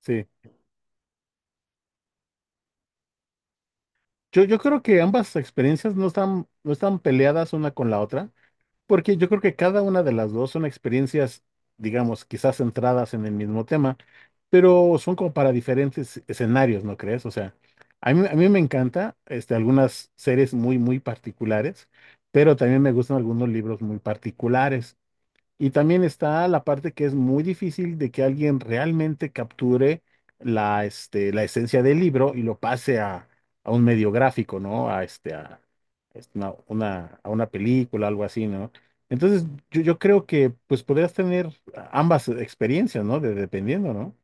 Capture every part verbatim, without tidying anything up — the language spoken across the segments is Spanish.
Sí, yo, yo creo que ambas experiencias no están, no están peleadas una con la otra, porque yo creo que cada una de las dos son experiencias, digamos, quizás centradas en el mismo tema, pero son como para diferentes escenarios, ¿no crees? O sea, a mí, a mí me encanta este, algunas series muy, muy particulares, pero también me gustan algunos libros muy particulares. Y también está la parte que es muy difícil de que alguien realmente capture la, este, la esencia del libro y lo pase a, a un medio gráfico, ¿no? A, este, a, este, una, una- a una película, algo así, ¿no? Entonces, yo, yo creo que pues podrías tener ambas experiencias, ¿no? De- dependiendo, ¿no?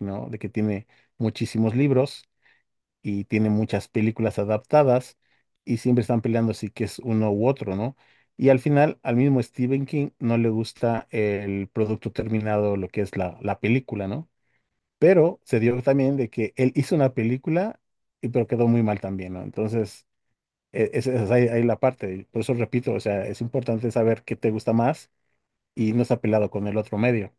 ¿No? De que tiene muchísimos libros y tiene muchas películas adaptadas y siempre están peleando si que es uno u otro, ¿no? Y al final, al mismo Stephen King no le gusta el producto terminado, lo que es la, la película, ¿no? Pero se dio también de que él hizo una película, y pero quedó muy mal también, ¿no? Entonces, e- esa es, ahí, ahí la parte. Por eso repito, o sea, es importante saber qué te gusta más y no estar peleado con el otro medio.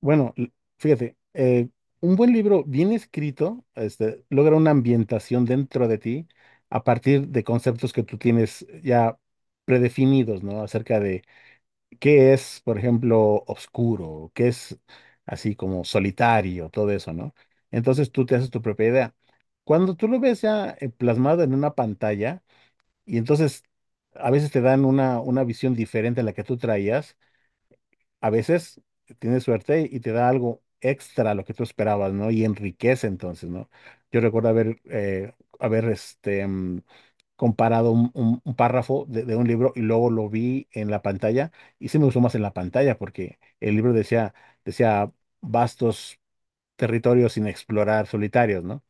Bueno, l- fíjate, eh, un buen libro bien escrito, este, logra una ambientación dentro de ti a partir de conceptos que tú tienes ya predefinidos, ¿no? Acerca de qué es, por ejemplo, oscuro, qué es así como solitario, todo eso, ¿no? Entonces tú te haces tu propia idea. Cuando tú lo ves ya eh, plasmado en una pantalla, y entonces a veces te dan una, una visión diferente a la que tú traías. A veces tienes suerte y te da algo extra a lo que tú esperabas, ¿no? Y enriquece entonces, ¿no? Yo recuerdo haber, eh, haber este, mm, comparado un, un- un párrafo de, de un libro y luego lo vi en la pantalla, y sí me gustó más en la pantalla porque el libro decía, decía vastos territorios sin explorar, solitarios, ¿no?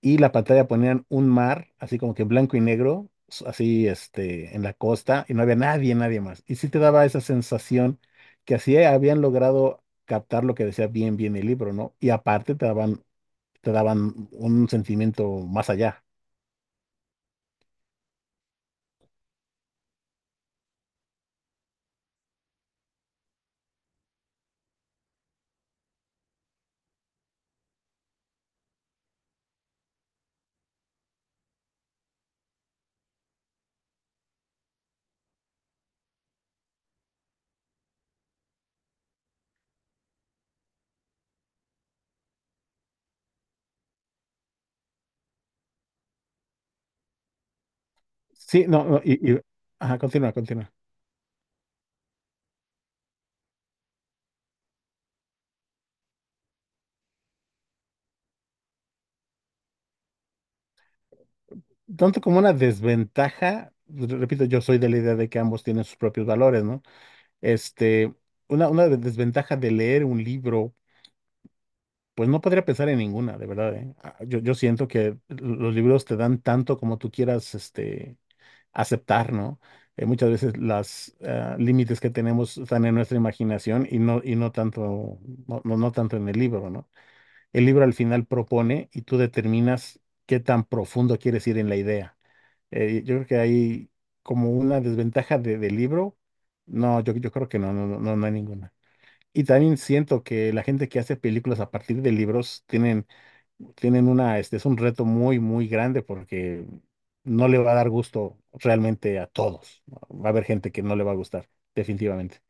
Y la pantalla ponían un mar, así como que blanco y negro, s- así este, en la costa, y no había nadie, nadie más. Y sí te daba esa sensación que así habían logrado captar lo que decía bien, bien el libro, ¿no? Y aparte te daban, te daban un sentimiento más allá. Sí, no, no, y, y- ajá, continúa, continúa. Tanto como una desventaja, pues, re- repito, yo soy de la idea de que ambos tienen sus propios valores, ¿no? Este, una, una de- Desventaja de leer un libro. Pues no podría pensar en ninguna, de verdad, ¿eh? Ah, Yo, yo siento que los libros te dan tanto como tú quieras, este, aceptar, ¿no? Eh, muchas veces los límites que tenemos están en nuestra imaginación y no, y no tanto, no, no, no tanto en el libro, ¿no? El libro al final propone y tú determinas qué tan profundo quieres ir en la idea. Eh, yo creo que hay como una desventaja de, del libro. No, yo, yo creo que no, no, no, no no hay ninguna. Y también siento que la gente que hace películas a partir de libros tienen tienen una, este es un reto muy, muy grande porque no le va a dar gusto realmente a todos, ¿no? Va a haber gente que no le va a gustar, definitivamente.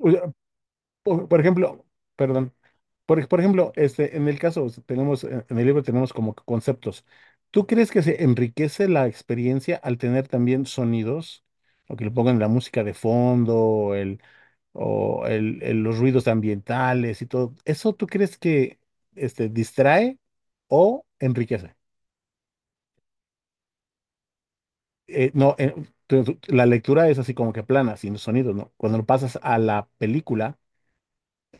O sea, Por, por ejemplo, perdón, por, por ejemplo, este, en el caso, o sea, tenemos, eh, en el libro tenemos como que conceptos. ¿Tú crees que se enriquece la experiencia al tener también sonidos? ¿O que le pongan la música de fondo, o el- el- los ruidos ambientales y todo? ¿Eso tú crees que este, distrae o enriquece? Eh, no, eh, tu- tu- la lectura es así como que plana, sin los sonidos, ¿no? Cuando lo pasas a la película,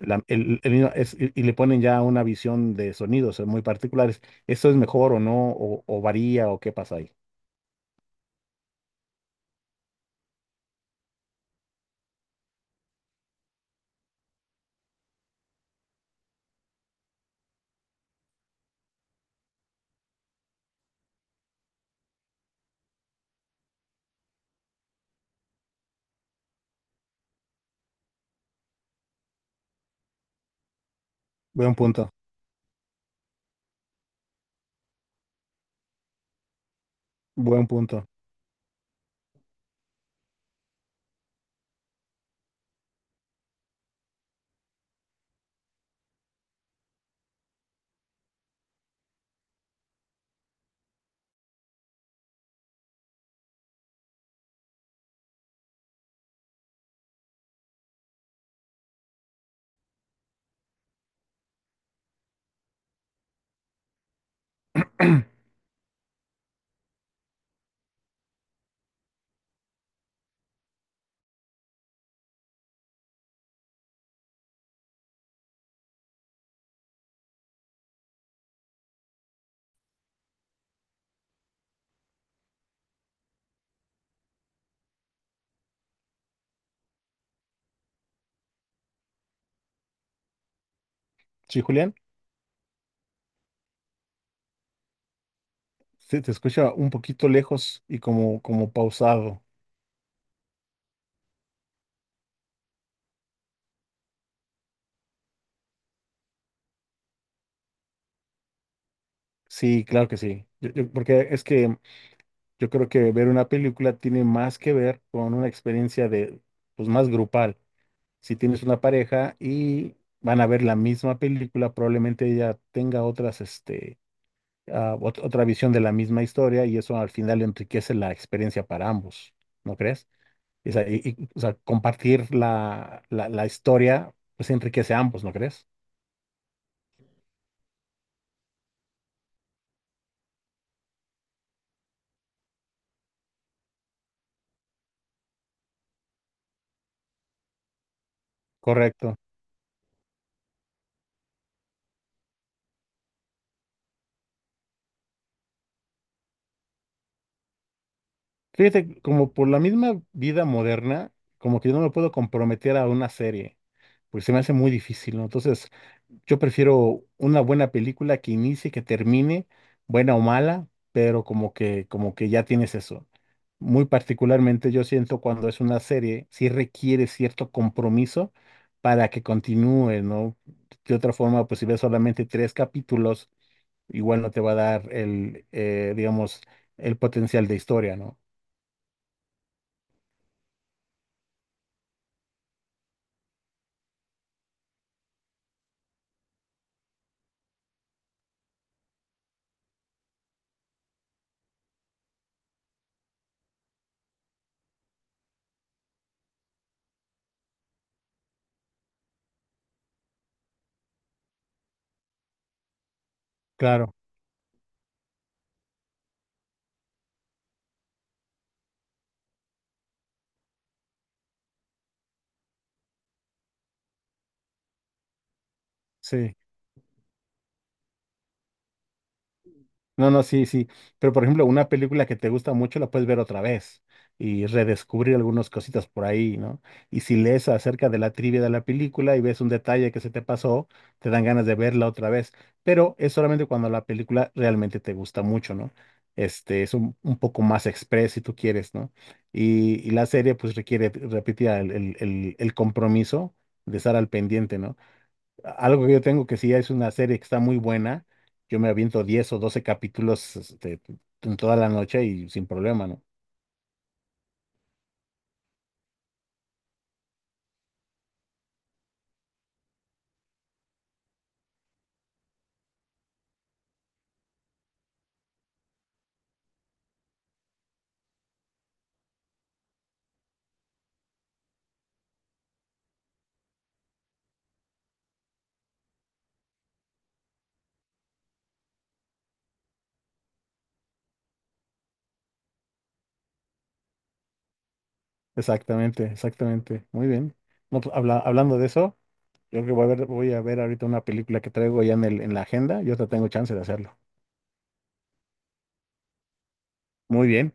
la- el- el niño es- y, y le ponen ya una visión de sonidos, eh, muy particulares. ¿Eso es mejor o no? ¿O, o varía o qué pasa ahí? Buen punto, buen punto. Sí, Julián, se te escucha un poquito lejos y como, como pausado. Sí, claro que sí. Yo- yo- porque es que yo creo que ver una película tiene más que ver con una experiencia de, pues más grupal. Si tienes una pareja y van a ver la misma película, probablemente ella tenga otras, este, ah, ot- otra visión de la misma historia y eso al final enriquece la experiencia para ambos, ¿no crees? O sea, y- y, o sea, compartir la, la, la historia, pues enriquece a ambos, ¿no crees? Correcto. Fíjate, como por la misma vida moderna, como que yo no me puedo comprometer a una serie, porque se me hace muy difícil, ¿no? Entonces, yo prefiero una buena película que inicie, que termine, buena o mala, pero como que, como que ya tienes eso. Muy particularmente yo siento cuando es una serie, sí requiere cierto compromiso para que continúe, ¿no? De otra forma, pues si ves solamente tres capítulos, igual no te va a dar el, eh, digamos, el potencial de historia, ¿no? Claro, sí. No, no, sí, sí. Pero por ejemplo, una película que te gusta mucho la puedes ver otra vez y redescubrir algunas cositas por ahí, ¿no? Y si lees acerca de la trivia de la película y ves un detalle que se te pasó, te dan ganas de verla otra vez. Pero es solamente cuando la película realmente te gusta mucho, ¿no? Este, es un, un poco más express si tú quieres, ¿no? Y, y la serie pues requiere, repetía, el, el el- el compromiso de estar al pendiente, ¿no? Algo que yo tengo que sí es una serie que está muy buena. Yo me aviento diez o doce capítulos este, en toda la noche y sin problema, ¿no? Exactamente, exactamente. Muy bien. No, pues, habla- hablando de eso, yo creo que voy a ver, voy a ver ahorita una película que traigo ya en el, en la agenda. Yo te tengo chance de hacerlo. Muy bien.